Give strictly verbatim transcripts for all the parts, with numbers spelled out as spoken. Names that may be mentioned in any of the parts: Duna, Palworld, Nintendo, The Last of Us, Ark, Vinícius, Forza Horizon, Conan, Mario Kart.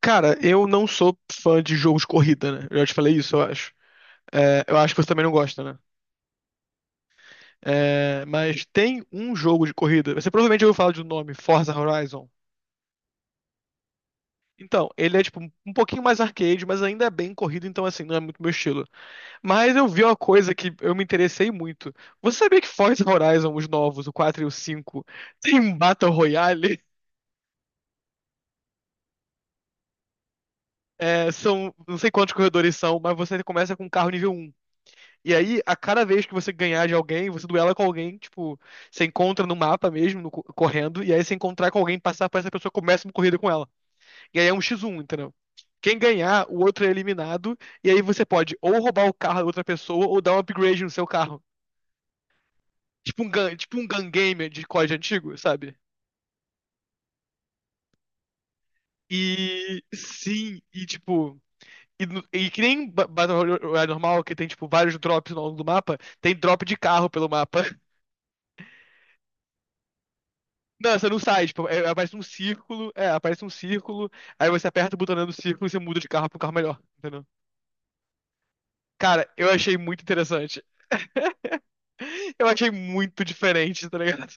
Cara, eu não sou fã de jogos de corrida, né? Eu já te falei isso, eu acho. É, eu acho que você também não gosta, né? É, mas tem um jogo de corrida. Você provavelmente ouviu falar do nome, Forza Horizon. Então, ele é tipo um um pouquinho mais arcade, mas ainda é bem corrido, então assim, não é muito meu estilo. Mas eu vi uma coisa que eu me interessei muito. Você sabia que Forza Horizon, os novos, o quatro e o cinco, tem um Battle Royale? É, são, não sei quantos corredores são, mas você começa com um carro nível um. E aí, a cada vez que você ganhar de alguém, você duela com alguém, tipo, você encontra no mapa mesmo, no co- correndo, e aí se encontrar com alguém, passar por essa pessoa, começa uma corrida com ela. E aí é um X um, entendeu? Quem ganhar, o outro é eliminado, e aí você pode ou roubar o carro da outra pessoa, ou dar um upgrade no seu carro. Tipo um gun, tipo um gun game de código antigo, sabe? E sim, e tipo. E, no- e que nem ba- Battle Royale normal, que tem, tipo, vários drops ao longo do mapa, tem drop de carro pelo mapa. Não, você não sai, tipo, é- aparece um círculo, é, aparece um círculo, aí você aperta o botão do círculo e você muda de carro pro carro melhor, entendeu? Cara, eu achei muito interessante. Eu achei muito diferente, tá ligado?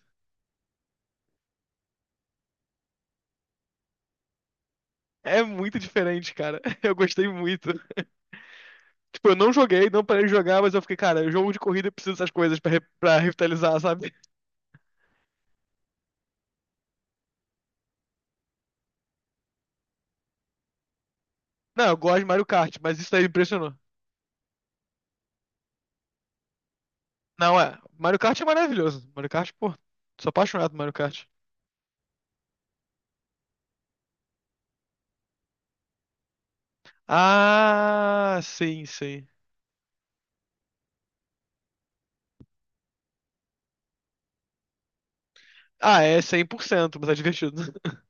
É muito diferente, cara. Eu gostei muito. Tipo, eu não joguei, não parei de jogar, mas eu fiquei, cara, jogo de corrida eu preciso dessas coisas pra, re- pra revitalizar, sabe? Não, eu gosto de Mario Kart, mas isso daí me impressionou. Não, é. Mario Kart é maravilhoso. Mario Kart, pô, sou apaixonado por Mario Kart. Ah, sim, sim. Ah, é cem por cento, mas é divertido.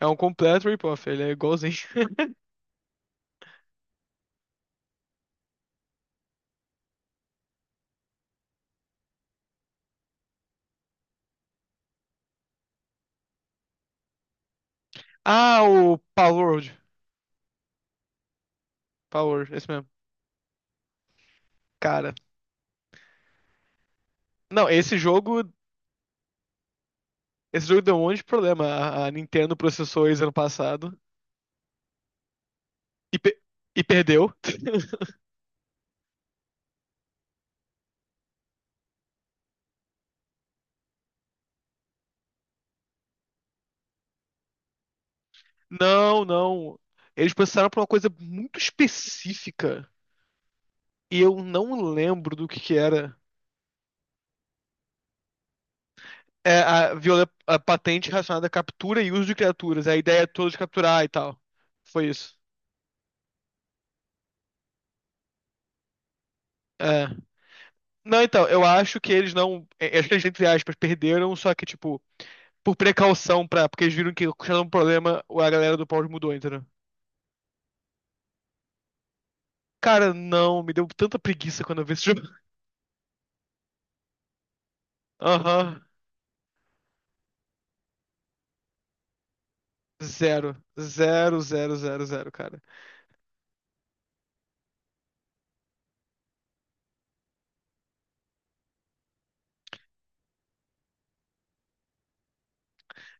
É um completo rip-off, ele é igualzinho. Ah, o Palworld. Palworld, esse mesmo. Cara, não, esse jogo, esse jogo deu um monte de problema. A a Nintendo processou eles ano passado e, pe- e perdeu. Não, não. Eles processaram por uma coisa muito específica e eu não lembro do que que era. É a, viola, a patente relacionada à captura e uso de criaturas, a ideia toda de capturar e tal. Foi isso. É. Não, então, eu acho que eles não. É, acho que eles, entre aspas, perderam, só que, tipo, por precaução, pra, porque eles viram que tinha um problema, a galera do Power mudou, entendeu? Cara, não, me deu tanta preguiça quando eu vi esse jogo. Aham. Zero. Zero, zero, zero, zero, cara.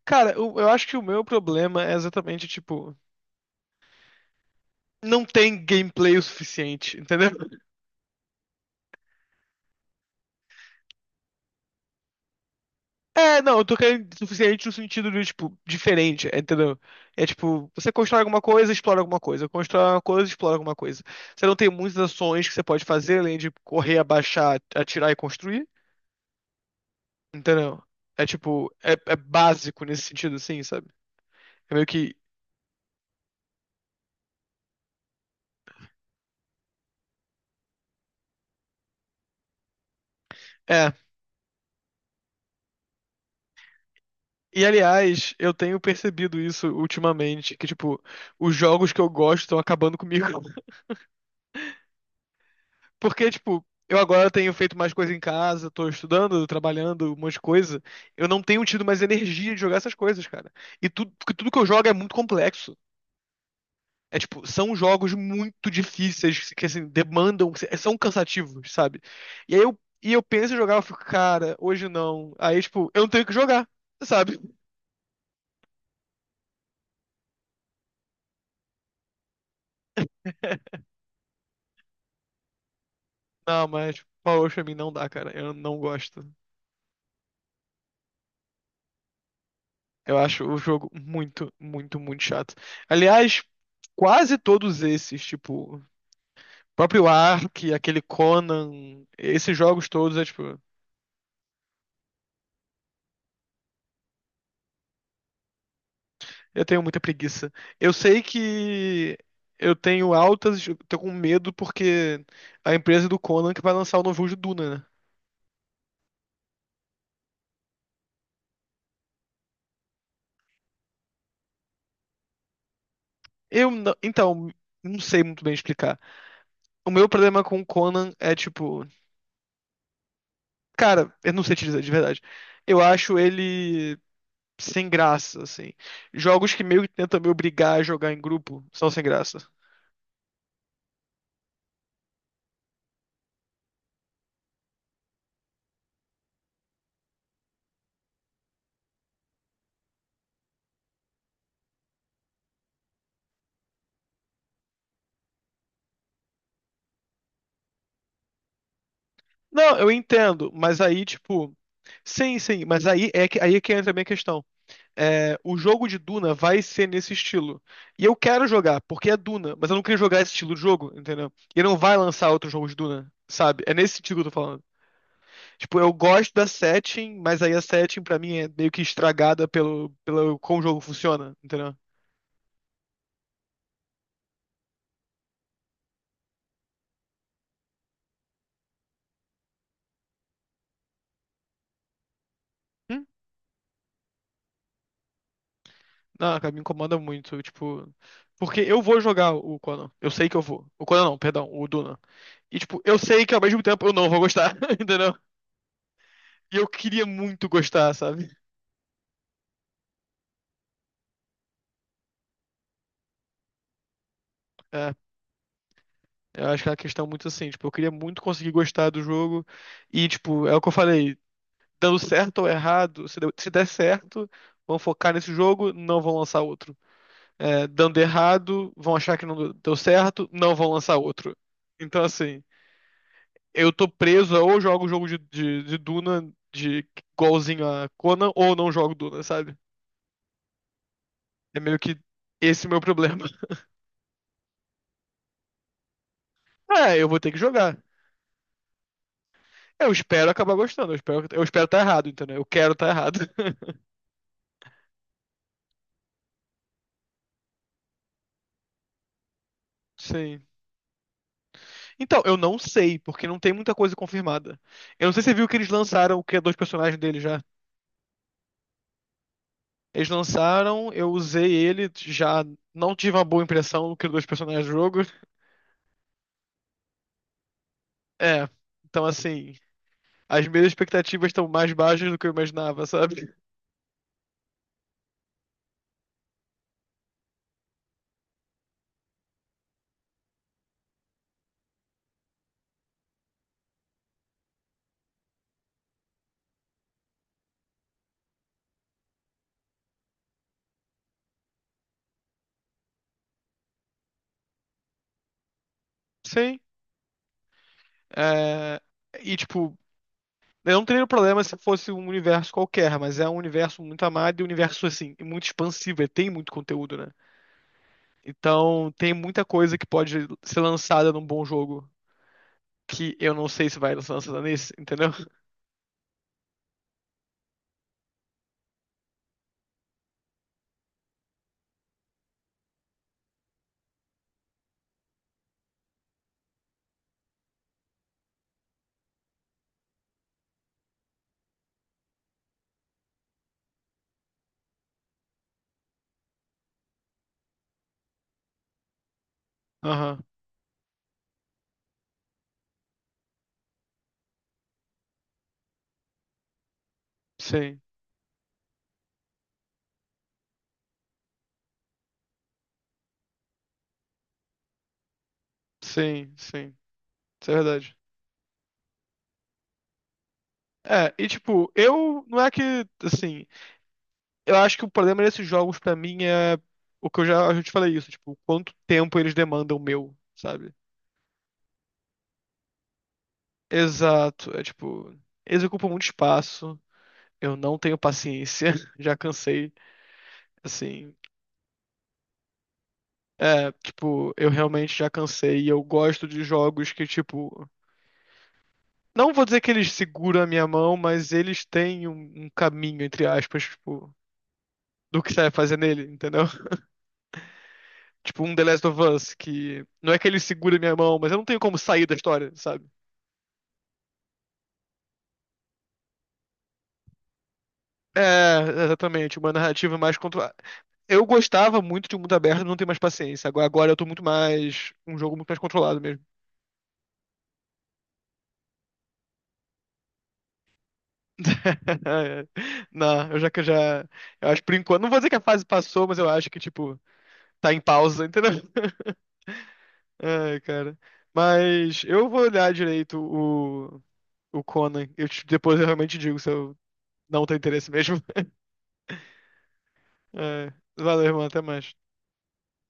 Cara, eu, eu acho que o meu problema é exatamente, tipo, não tem gameplay o suficiente, entendeu? É, não, eu tô querendo suficiente no sentido de, tipo, diferente, entendeu? É tipo, você constrói alguma coisa, explora alguma coisa, constrói alguma coisa, explora alguma coisa. Você não tem muitas ações que você pode fazer além de correr, abaixar, atirar e construir, entendeu? É tipo, é, é básico nesse sentido, assim, sabe? É meio que. É. E aliás, eu tenho percebido isso ultimamente, que, tipo, os jogos que eu gosto estão acabando comigo. Porque, tipo, eu agora tenho feito mais coisa em casa, tô estudando, trabalhando, um monte de coisa. Eu não tenho tido mais energia de jogar essas coisas, cara. E tudo, porque tudo que eu jogo é muito complexo. É tipo, são jogos muito difíceis, que assim, demandam, são cansativos, sabe? E aí eu, e eu penso em jogar, eu fico, cara, hoje não. Aí, tipo, eu não tenho que jogar, sabe? Não, mas Power Wash pra mim não dá, cara. Eu não gosto. Eu acho o jogo muito, muito, muito chato. Aliás, quase todos esses, tipo, próprio Ark, aquele Conan, esses jogos todos, é tipo, eu tenho muita preguiça. Eu sei que eu tenho altas, eu tô com medo porque a empresa do Conan que vai lançar o novo jogo de Duna, né? Eu não, então, não sei muito bem explicar. O meu problema com o Conan é tipo, cara, eu não sei te dizer de verdade. Eu acho ele sem graça, assim. Jogos que meio que tentam me obrigar a jogar em grupo são sem graça. Não, eu entendo, mas aí, tipo. Sim, sim, mas aí é que, aí é que entra a minha questão. É, o jogo de Duna vai ser nesse estilo. E eu quero jogar, porque é Duna, mas eu não queria jogar esse estilo de jogo, entendeu? E não vai lançar outro jogo de Duna, sabe? É nesse sentido que eu tô falando. Tipo, eu gosto da setting, mas aí a setting pra mim é meio que estragada pelo, pelo como o jogo funciona, entendeu? Hum? Não, cara, me incomoda muito, tipo. Porque eu vou jogar o Conan. Eu sei que eu vou. O Conan não, perdão, o Duna. E, tipo, eu sei que ao mesmo tempo eu não vou gostar, entendeu? E eu queria muito gostar, sabe? É, eu acho que é uma questão muito assim, tipo, eu queria muito conseguir gostar do jogo. E, tipo, é o que eu falei, dando certo ou errado, se deu- se der certo, vão focar nesse jogo, não vão lançar outro. É, dando errado, vão achar que não deu certo, não vão lançar outro. Então, assim, eu tô preso, ou jogo o jogo de, de, de Duna, de igualzinho a Conan, ou não jogo Duna, sabe? É meio que esse o meu problema. É, eu vou ter que jogar. Eu espero acabar gostando. Eu espero, eu espero estar errado, entendeu? Eu quero estar errado. Sim. Então, eu não sei, porque não tem muita coisa confirmada. Eu não sei se você viu que eles lançaram o que é dois personagens dele já. Eles lançaram, eu usei ele, já não tive uma boa impressão do que dois personagens do jogo. É. Então, assim, as minhas expectativas estão mais baixas do que eu imaginava, sabe? Sim. É, e, tipo, eu não teria problema se fosse um universo qualquer, mas é um universo muito amado e um universo, assim, muito expansivo, e tem muito conteúdo, né? Então, tem muita coisa que pode ser lançada num bom jogo, que eu não sei se vai ser lançada nesse, entendeu? Aham, sim, sim, sim, isso é verdade. É, e tipo, eu, não é que, assim, eu acho que o problema desses jogos pra mim é o que eu já, eu já te falei isso, tipo, quanto tempo eles demandam meu, sabe? Exato, é tipo, eles ocupam muito espaço. Eu não tenho paciência, já cansei, assim. É, tipo, eu realmente já cansei e eu gosto de jogos que, tipo. Não vou dizer que eles seguram a minha mão, mas eles têm um, um caminho, entre aspas, tipo, do que você vai fazer nele, entendeu? Tipo, um The Last of Us, que não é que ele segura a minha mão, mas eu não tenho como sair da história, sabe? É, exatamente, uma narrativa mais controlada. Eu gostava muito de um mundo aberto, não tenho mais paciência. Agora, agora eu tô muito mais. Um jogo muito mais controlado mesmo. Não, eu já que eu já. Eu acho por enquanto. Não vou dizer que a fase passou, mas eu acho que, tipo, tá em pausa, entendeu? Ai, cara. Mas eu vou olhar direito o, o Conan. Eu, te- depois eu realmente digo se eu não tenho interesse mesmo. É, valeu, irmão. Até mais.